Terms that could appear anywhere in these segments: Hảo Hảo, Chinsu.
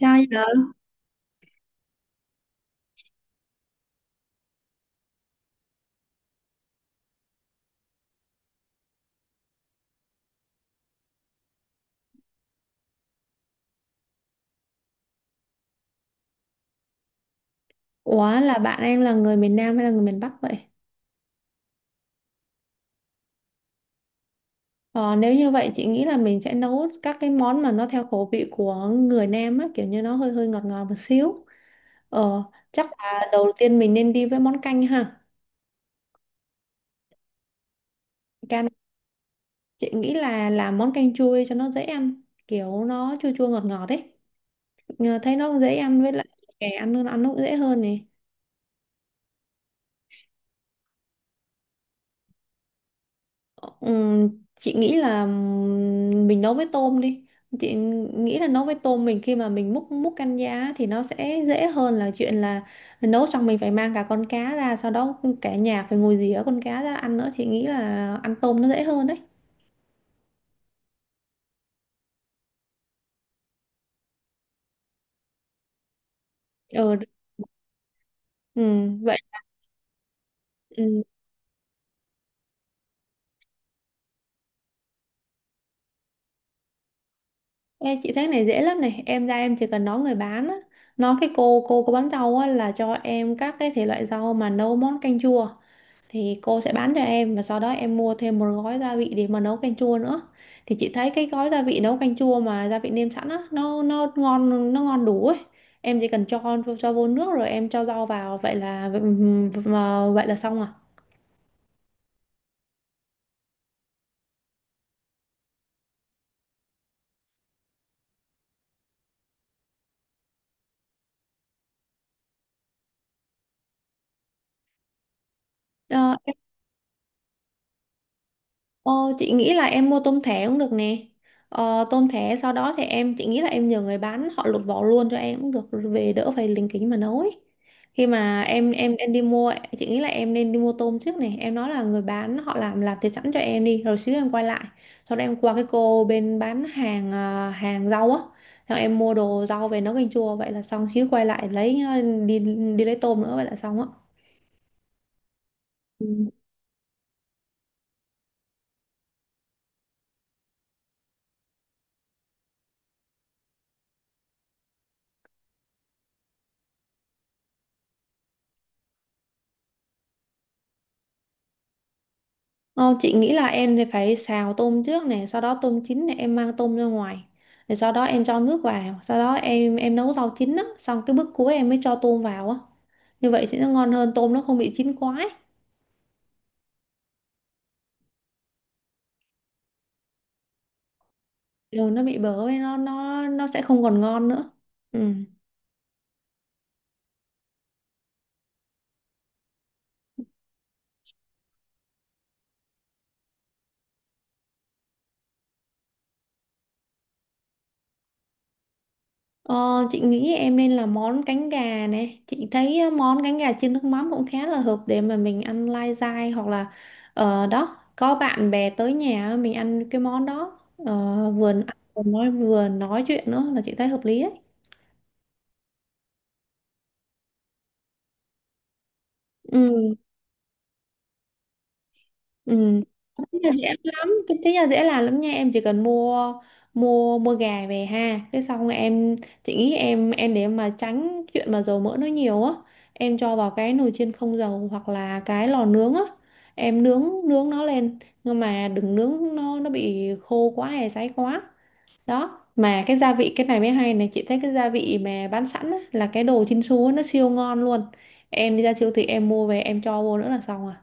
Sao giờ? Ủa là bạn em là người miền Nam hay là người miền Bắc vậy? Ờ, Nếu như vậy chị nghĩ là mình sẽ nấu các cái món mà nó theo khẩu vị của người Nam á, kiểu như nó hơi hơi ngọt ngọt một xíu. Ờ, Chắc là đầu tiên mình nên đi với món canh ha. Canh chị nghĩ là làm món canh chua cho nó dễ ăn, kiểu nó chua chua ngọt ngọt ấy. Nhờ thấy nó dễ ăn với lại trẻ ăn nó ăn cũng dễ hơn này. Ừm, chị nghĩ là mình nấu với tôm đi, chị nghĩ là nấu với tôm mình khi mà mình múc múc canh giá thì nó sẽ dễ hơn là chuyện là nấu xong mình phải mang cả con cá ra, sau đó cả nhà phải ngồi rỉa con cá ra ăn nữa, chị nghĩ là ăn tôm nó dễ hơn đấy. Ừ, ừ vậy ừ. Ê, chị thấy cái này dễ lắm này, em ra em chỉ cần nói người bán á, nói cái cô bán rau á là cho em các cái thể loại rau mà nấu món canh chua thì cô sẽ bán cho em, và sau đó em mua thêm một gói gia vị để mà nấu canh chua nữa. Thì chị thấy cái gói gia vị nấu canh chua mà gia vị nêm sẵn á, nó ngon đủ ấy. Em chỉ cần cho vô nước rồi em cho rau vào, vậy là xong à. Ờ, Ờ, chị nghĩ là em mua tôm thẻ cũng được nè. Ờ, tôm thẻ, sau đó thì em chị nghĩ là em nhờ người bán họ lột vỏ luôn cho em cũng được, về đỡ phải lính kính mà nấu ấy. Khi mà em đi mua, chị nghĩ là em nên đi mua tôm trước này. Em nói là người bán họ làm thịt sẵn cho em đi, rồi xíu em quay lại. Sau đó em qua cái cô bên bán hàng à, hàng rau á. Xong em mua đồ rau về nấu canh chua, vậy là xong, xíu quay lại lấy đi đi lấy tôm nữa, vậy là xong á. Ờ, chị nghĩ là em thì phải xào tôm trước này, sau đó tôm chín này em mang tôm ra ngoài. Rồi sau đó em cho nước vào, sau đó em nấu rau chín á, xong cái bước cuối em mới cho tôm vào á. Như vậy thì nó ngon hơn, tôm nó không bị chín quá ấy. Rồi nó bị bở với nó sẽ không còn ngon nữa. Ừ. Ờ, chị nghĩ em nên là món cánh gà nè, chị thấy món cánh gà chiên nước mắm cũng khá là hợp để mà mình ăn lai dai, hoặc là đó, có bạn bè tới nhà mình ăn cái món đó. Ờ, vừa ăn vừa nói chuyện nữa là chị thấy hợp lý ấy. Ừ Ừ. Cái nhà dễ lắm, cái nhà dễ làm lắm nha, em chỉ cần mua mua mua gà về ha, cái xong rồi em, chị nghĩ em để mà tránh chuyện mà dầu mỡ nó nhiều á, em cho vào cái nồi chiên không dầu, hoặc là cái lò nướng á, em nướng nướng nó lên, nhưng mà đừng nướng nó bị khô quá hay cháy quá. Đó, mà cái gia vị cái này mới hay này, chị thấy cái gia vị mà bán sẵn á, là cái đồ Chinsu á, nó siêu ngon luôn. Em đi ra siêu thị em mua về em cho vô nữa là xong à.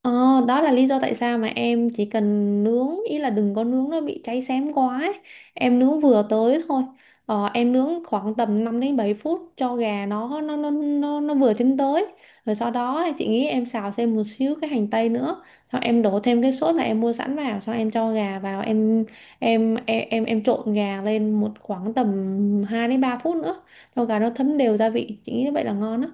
Ờ, đó là lý do tại sao mà em chỉ cần nướng, ý là đừng có nướng nó bị cháy xém quá ấy. Em nướng vừa tới thôi, em nướng khoảng tầm 5 đến 7 phút cho gà nó vừa chín tới, rồi sau đó chị nghĩ em xào thêm một xíu cái hành tây nữa, xong em đổ thêm cái sốt mà em mua sẵn vào, xong em cho gà vào, em trộn gà lên một khoảng tầm 2 đến 3 phút nữa cho gà nó thấm đều gia vị, chị nghĩ như vậy là ngon á.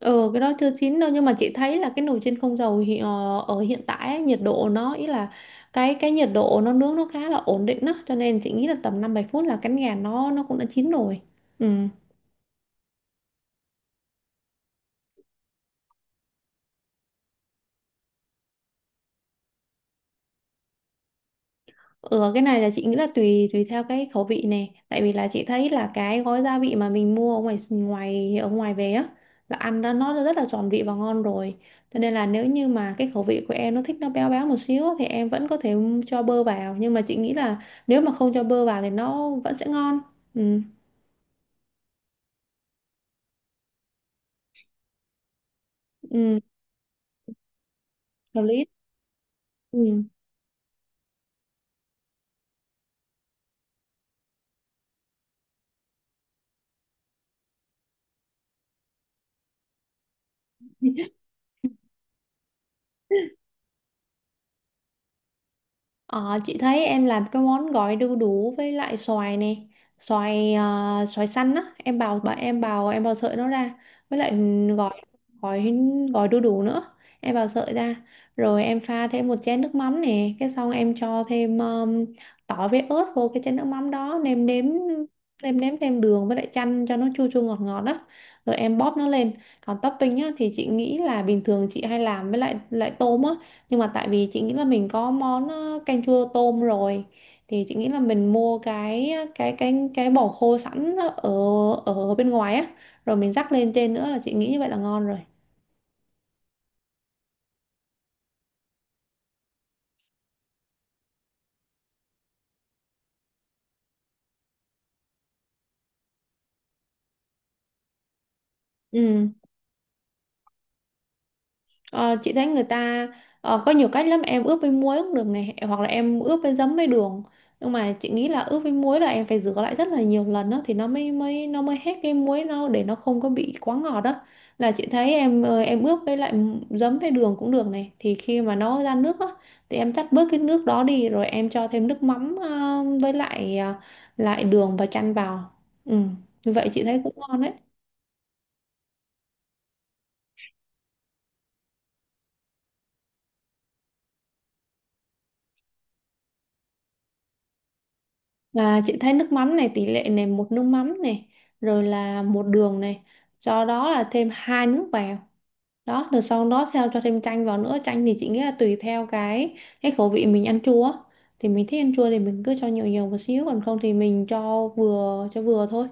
Ừ, cái đó chưa chín đâu, nhưng mà chị thấy là cái nồi chiên không dầu thì, ờ, ở hiện tại ấy, nhiệt độ nó, ý là cái nhiệt độ nó nướng nó khá là ổn định đó, cho nên chị nghĩ là tầm 5 7 phút là cánh gà nó cũng đã chín rồi. Ừ. Ừ, cái này là chị nghĩ là tùy tùy theo cái khẩu vị này, tại vì là chị thấy là cái gói gia vị mà mình mua ở ngoài ngoài ở ngoài về á là ăn đó nó rất là tròn vị và ngon rồi, cho nên là nếu như mà cái khẩu vị của em nó thích nó béo béo một xíu á, thì em vẫn có thể cho bơ vào, nhưng mà chị nghĩ là nếu mà không cho bơ vào thì nó vẫn sẽ ngon. Ừ, ừ, hợp lý ừ. Ờ, chị thấy em làm cái món gỏi đu đủ với lại xoài nè, xoài xoài xanh á, em bào bà em bào sợi nó ra, với lại gỏi gỏi gỏi đu đủ nữa, em bào sợi ra, rồi em pha thêm một chén nước mắm nè, cái xong em cho thêm tỏi với ớt vô cái chén nước mắm đó, nêm nếm thêm đường với lại chanh cho nó chua chua ngọt ngọt đó, rồi em bóp nó lên. Còn topping á thì chị nghĩ là bình thường chị hay làm với lại lại tôm á, nhưng mà tại vì chị nghĩ là mình có món canh chua tôm rồi, thì chị nghĩ là mình mua cái cái bò khô sẵn ở ở bên ngoài á, rồi mình rắc lên trên nữa là chị nghĩ như vậy là ngon rồi. Ừ. Ờ, chị thấy người ta có nhiều cách lắm, em ướp với muối cũng được này, hoặc là em ướp với giấm với đường, nhưng mà chị nghĩ là ướp với muối là em phải rửa lại rất là nhiều lần đó thì nó mới mới nó mới hết cái muối nó, để nó không có bị quá ngọt đó. Là chị thấy em em ướp với lại giấm với đường cũng được này, thì khi mà nó ra nước á thì em chắt bớt cái nước đó đi, rồi em cho thêm nước mắm lại đường và chan vào. Ừ. Như vậy chị thấy cũng ngon đấy. Và chị thấy nước mắm này tỷ lệ này, một nước mắm này, rồi là một đường này, do đó là thêm hai nước vào đó, rồi sau đó theo cho thêm chanh vào nữa, chanh thì chị nghĩ là tùy theo cái khẩu vị mình ăn chua á, thì mình thích ăn chua thì mình cứ cho nhiều nhiều một xíu, còn không thì mình cho vừa thôi.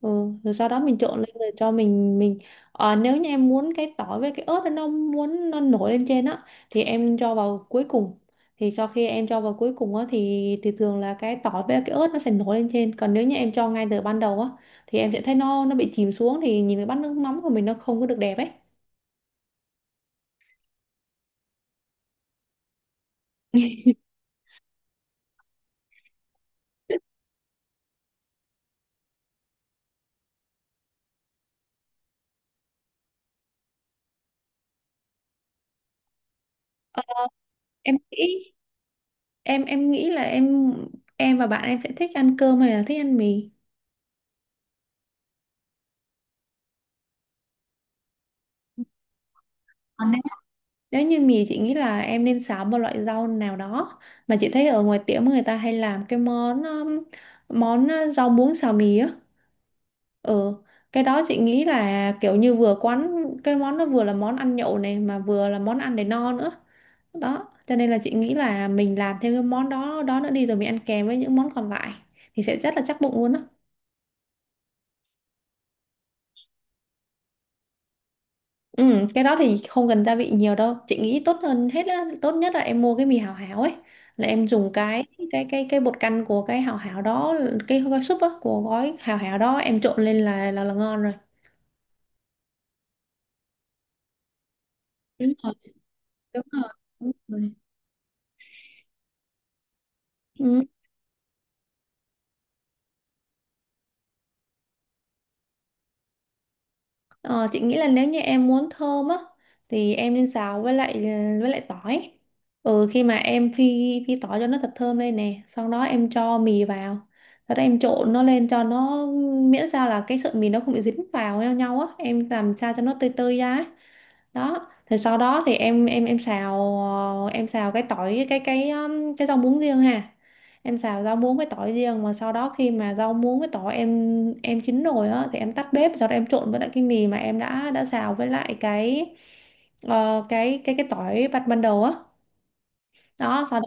Ừ. Rồi sau đó mình trộn lên rồi cho mình nếu như em muốn cái tỏi với cái ớt đó, nó muốn nó nổi lên trên á thì em cho vào cuối cùng, thì sau khi em cho vào cuối cùng á thì thường là cái tỏi với cái ớt nó sẽ nổi lên trên, còn nếu như em cho ngay từ ban đầu á thì em sẽ thấy nó bị chìm xuống, thì nhìn cái bát nước mắm của mình nó không có được đẹp ấy. Ờ, em nghĩ, em nghĩ là em và bạn em sẽ thích ăn cơm hay là thích ăn mì. Ờ, nếu như mì chị nghĩ là em nên xào một loại rau nào đó, mà chị thấy ở ngoài tiệm người ta hay làm cái món món rau muống xào mì á. Ừ, cái đó chị nghĩ là kiểu như vừa quán cái món, nó vừa là món ăn nhậu này, mà vừa là món ăn để no nữa. Đó, cho nên là chị nghĩ là mình làm thêm cái món đó đó nữa đi, rồi mình ăn kèm với những món còn lại thì sẽ rất là chắc bụng luôn á. Ừ, cái đó thì không cần gia vị nhiều đâu. Chị nghĩ tốt hơn hết á, tốt nhất là em mua cái mì Hảo Hảo ấy, là em dùng cái cái bột canh của cái Hảo Hảo đó, cái gói súp á, của gói Hảo Hảo đó em trộn lên là là ngon rồi. Đúng rồi, đúng rồi. Đúng rồi. Ừ. Ờ, chị nghĩ là nếu như em muốn thơm á thì em nên xào với lại tỏi. Ừ, khi mà em phi phi tỏi cho nó thật thơm lên nè, sau đó em cho mì vào. Sau đó em trộn nó lên cho nó, miễn sao là cái sợi mì nó không bị dính vào nhau nhau á, em làm sao cho nó tơi tơi ra ấy. Đó thì sau đó thì em xào em xào cái tỏi cái rau muống riêng ha, em xào rau muống với tỏi riêng mà sau đó khi mà rau muống với tỏi em chín rồi á thì em tắt bếp, sau đó em trộn với lại cái mì mà em đã xào với lại cái cái tỏi bắt ban đầu á, đó sau đó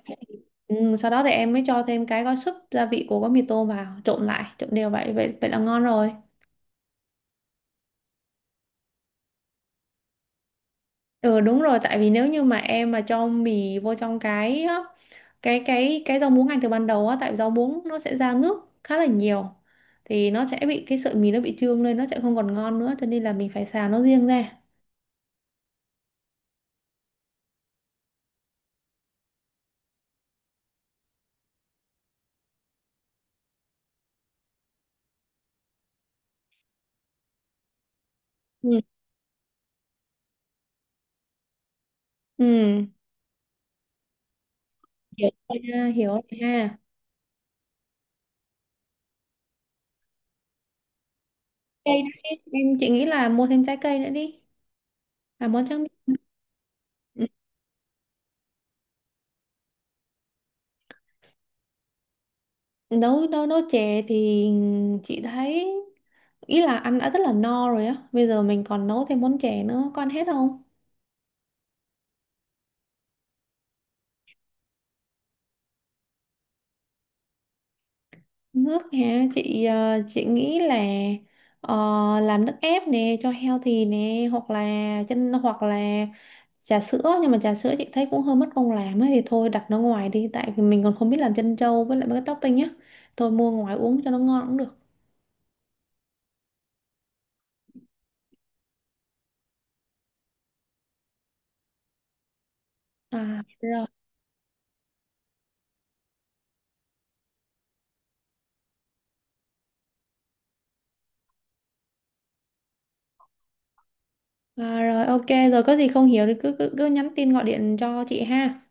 ừ, sau đó thì em mới cho thêm cái gói súp gia vị của gói mì tôm vào, trộn lại trộn đều vậy vậy vậy là ngon rồi. Ừ đúng rồi, tại vì nếu như mà em mà cho mì vô trong cái rau muống ngay từ ban đầu á, tại rau muống nó sẽ ra nước khá là nhiều thì nó sẽ bị cái sợi mì nó bị trương lên, nó sẽ không còn ngon nữa, cho nên là mình phải xào nó riêng ra. Ừ. ừ, hiểu rồi ha, hiểu rồi ha. Cây đấy, em chị nghĩ là mua thêm trái cây nữa đi, làm món tráng miệng. Ừ, nấu nấu nấu chè thì chị thấy ý là ăn đã rất là no rồi á, bây giờ mình còn nấu thêm món chè nữa có hết không. Nước hả? Chị chị nghĩ là ờ, làm nước ép nè cho healthy nè, hoặc là chân, hoặc là trà sữa, nhưng mà trà sữa chị thấy cũng hơi mất công làm ấy, thì thôi đặt nó ngoài đi, tại vì mình còn không biết làm chân trâu với lại mấy cái topping nhá. Thôi mua ngoài uống cho nó ngon cũng được. À rồi. À, rồi ok, rồi có gì không hiểu thì cứ cứ cứ nhắn tin gọi điện cho chị ha.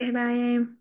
Bye bye em.